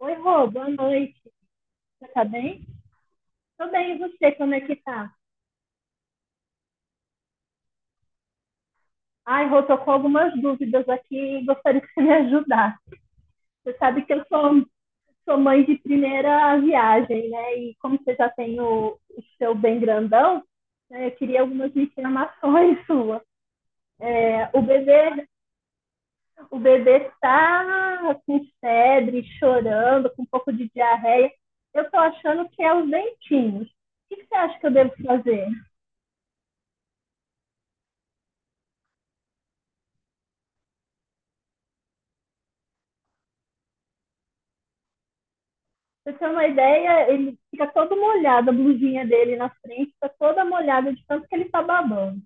Oi, Rô, boa noite. Você tá bem? Tô bem, e você, como é que tá? Ai, Rô, tô com algumas dúvidas aqui e gostaria que você me ajudasse. Você sabe que eu sou mãe de primeira viagem, né? E como você já tem o seu bem grandão, né, eu queria algumas informações suas. É, o bebê tá com febre, chorando, com um pouco de diarreia. Eu tô achando que é os dentinhos. O que que você acha que eu devo fazer? Pra você ter uma ideia, ele fica todo molhado, a blusinha dele na frente está toda molhada de tanto que ele está babando.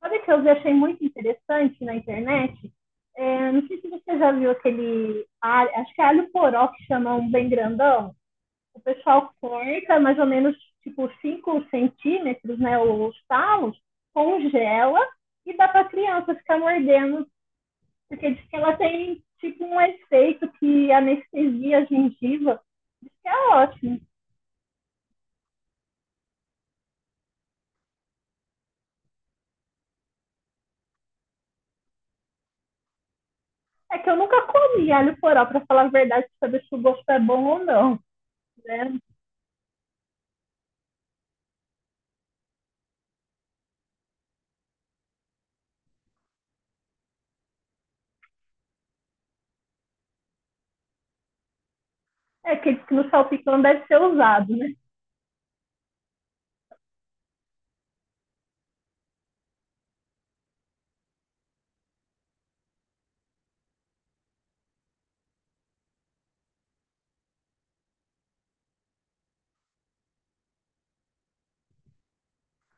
Sabe o que eu achei muito interessante na internet? É, não sei se você já viu aquele alho, acho que é alho poró que chama um bem grandão. O pessoal corta mais ou menos tipo 5 centímetros, né, os talos, congela e dá para a criança ficar mordendo, porque diz que ela tem tipo um efeito que anestesia a gengiva, isso é ótimo. É que eu nunca comi alho poró, pra falar a verdade, pra saber se o gosto é bom ou não, né? É que diz que no salpicão deve ser usado, né?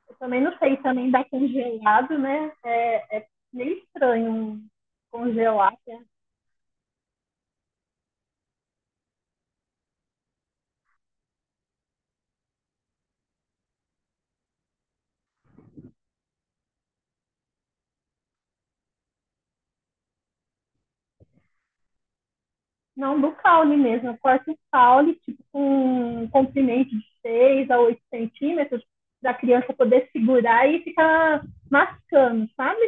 Eu também não sei, também dá congelado, né? É, é meio estranho um congelar, né? Não, do caule mesmo. Eu corto o caule, tipo, com um comprimento de 6 a 8 centímetros, pra criança poder segurar e ficar mascando, sabe?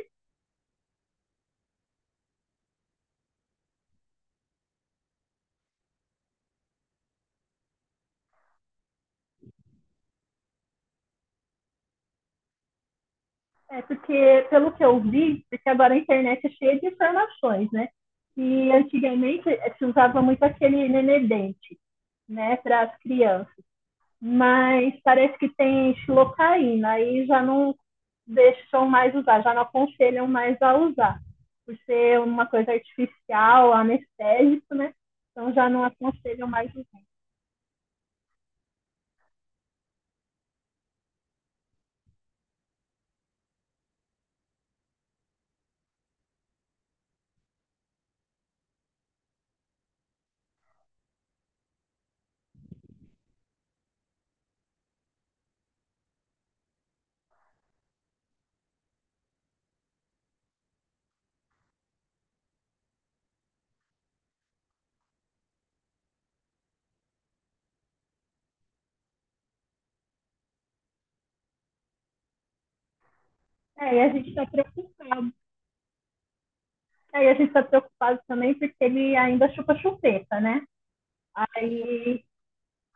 É, porque, pelo que eu vi, porque agora a internet é cheia de informações, né? E antigamente se usava muito aquele nenedente, né, para as crianças. Mas parece que tem xilocaína, aí já não deixam mais usar, já não aconselham mais a usar, por ser uma coisa artificial, anestésico, né? Então já não aconselham mais usar. É, e a gente está preocupado. Aí a gente está preocupado também porque ele ainda chupa chupeta, né? Aí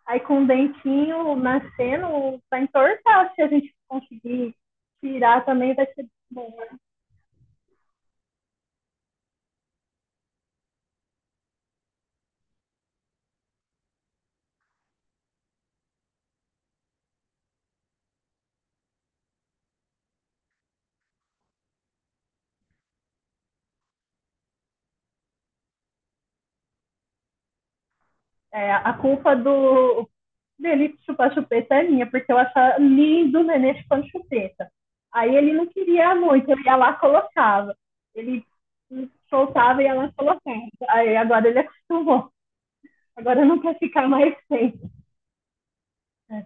Aí com o dentinho nascendo, vai entortar. Se a gente conseguir tirar também, vai ser bom, né? É, a culpa do dele chupar chupeta é minha, porque eu achava lindo o neném chupando chupeta. Aí ele não queria muito, eu ia lá e colocava. Ele soltava e ia lá e colocava. Aí agora ele acostumou. Agora não quer ficar mais sem. É.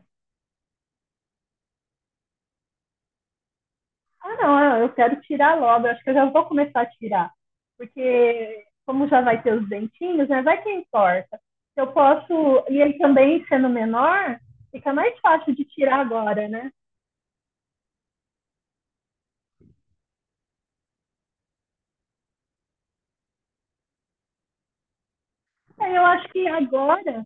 Ah, não, ah, eu quero tirar logo. Eu acho que eu já vou começar a tirar. Porque, como já vai ter os dentinhos, né? Vai que importa. Eu posso. E ele também sendo menor, fica mais fácil de tirar agora, né? Aí eu acho que agora.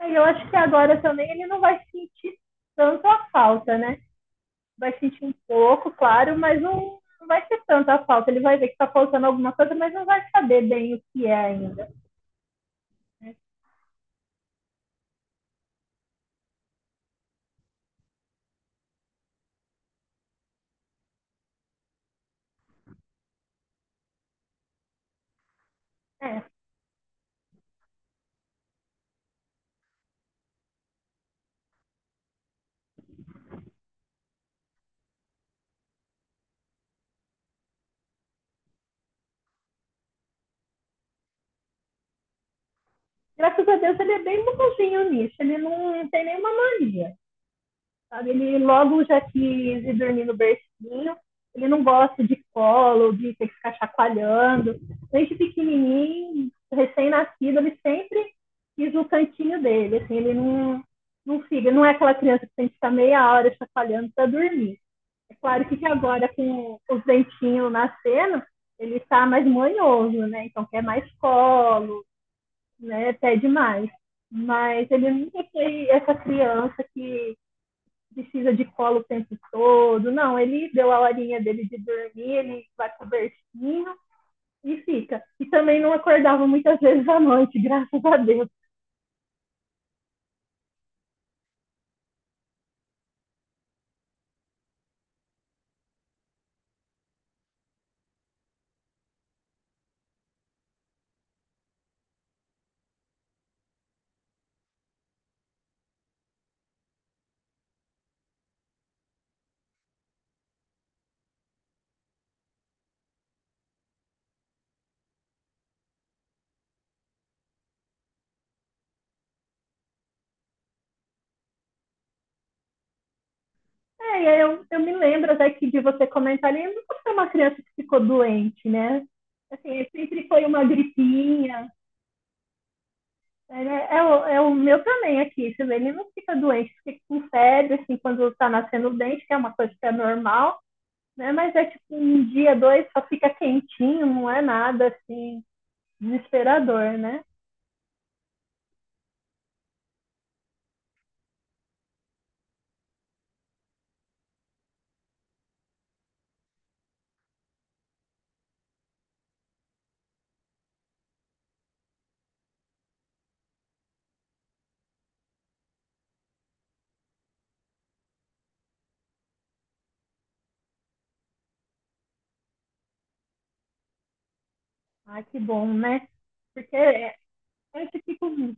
Aí eu acho que agora também ele não vai sentir tanto a falta, né? Vai sentir um pouco, claro, mas não, não vai ser tanto a falta. Ele vai ver que tá faltando alguma coisa, mas não vai saber bem o que é ainda. Né? É, graças a Deus, ele é bem bonzinho nisso. Ele não tem nenhuma mania, sabe? Ele logo já quis ir dormir no bercinho. Ele não gosta de colo, de ter que ficar chacoalhando. Desde pequenininho, recém-nascido, ele sempre quis o cantinho dele. Assim, ele não fica, não é aquela criança que tem que ficar meia hora chacoalhando para dormir. É claro que agora, com os dentinhos nascendo, ele está mais manhoso, né? Então quer mais colo, né? Até demais. Mas ele nunca foi essa criança que precisa de colo o tempo todo. Não, ele deu a horinha dele de dormir, ele vai pro bercinho e fica. E também não acordava muitas vezes à noite, graças a Deus. É, eu me lembro até que de você comentar ali, eu nunca fui uma criança que ficou doente, né? Assim, sempre foi uma gripinha. Ele é o meu também aqui, você vê, ele não fica doente, fica com febre, assim, quando tá nascendo o dente, que é uma coisa que é normal, né? Mas é tipo um dia, dois, só fica quentinho, não é nada, assim, desesperador, né? Ah, que bom, né? Porque é, eu fico,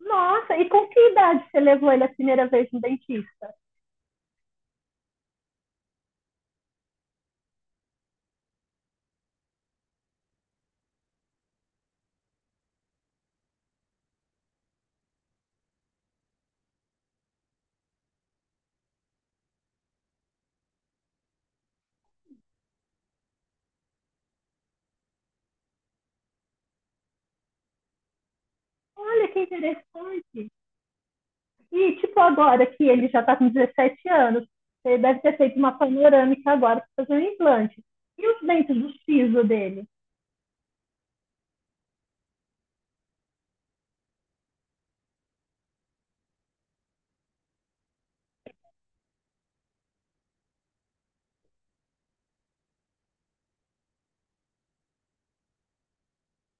nossa, e com que idade você levou ele a primeira vez no dentista? Olha que interessante. E, tipo, agora que ele já está com 17 anos, ele deve ter feito uma panorâmica agora para fazer um implante. E os dentes do siso dele?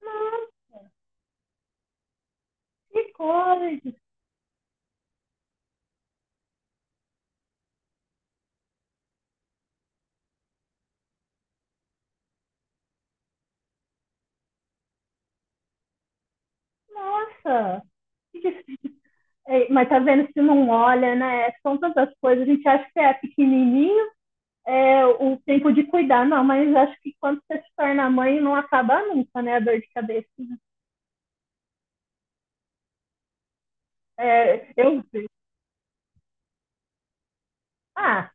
Nossa, que coisa! Nossa! Mas tá vendo se não olha, né? São tantas coisas. A gente acha que é pequenininho, é o tempo de cuidar. Não, mas acho que quando você se torna mãe, não acaba nunca, né? A dor de cabeça. É, eu ah,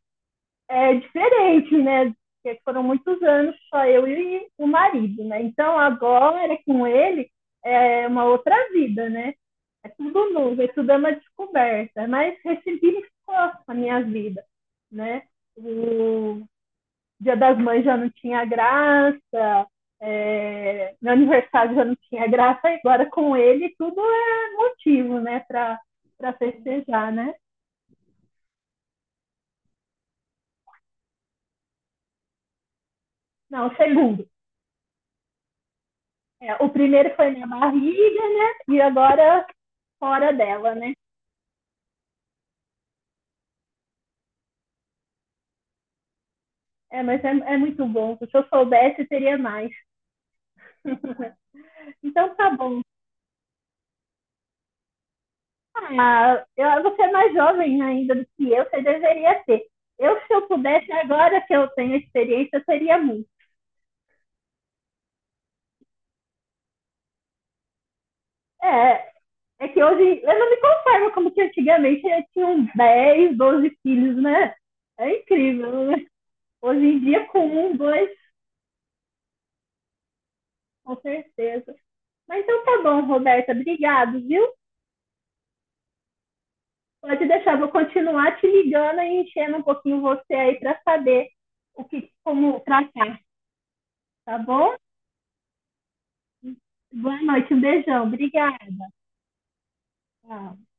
é diferente, né? Porque foram muitos anos só eu e o marido, né? Então agora é com ele é uma outra vida, né? É tudo novo, é tudo é uma descoberta, mas ressignificou a minha vida, né? O Dia das Mães já não tinha graça, é, meu aniversário já não tinha graça, agora com ele tudo é motivo, né, para festejar, né? Não, segundo. É, o primeiro foi minha barriga, né? E agora fora dela, né? É, mas é, é muito bom. Se eu soubesse, teria mais. então tá bom. Ah, eu, você é mais jovem ainda do que eu, você deveria ter. Eu, se eu pudesse, agora que eu tenho experiência, eu teria muito. É, é que hoje eu não me conformo como que antigamente eu tinha uns 10, 12 filhos, né? É incrível, né? Hoje em dia, com um, dois, com certeza. Mas então tá bom, Roberta. Obrigado, viu? Pode deixar, vou continuar te ligando e enchendo um pouquinho você aí para saber o que, como tratar, tá bom? Boa noite, um beijão. Obrigada. Tchau.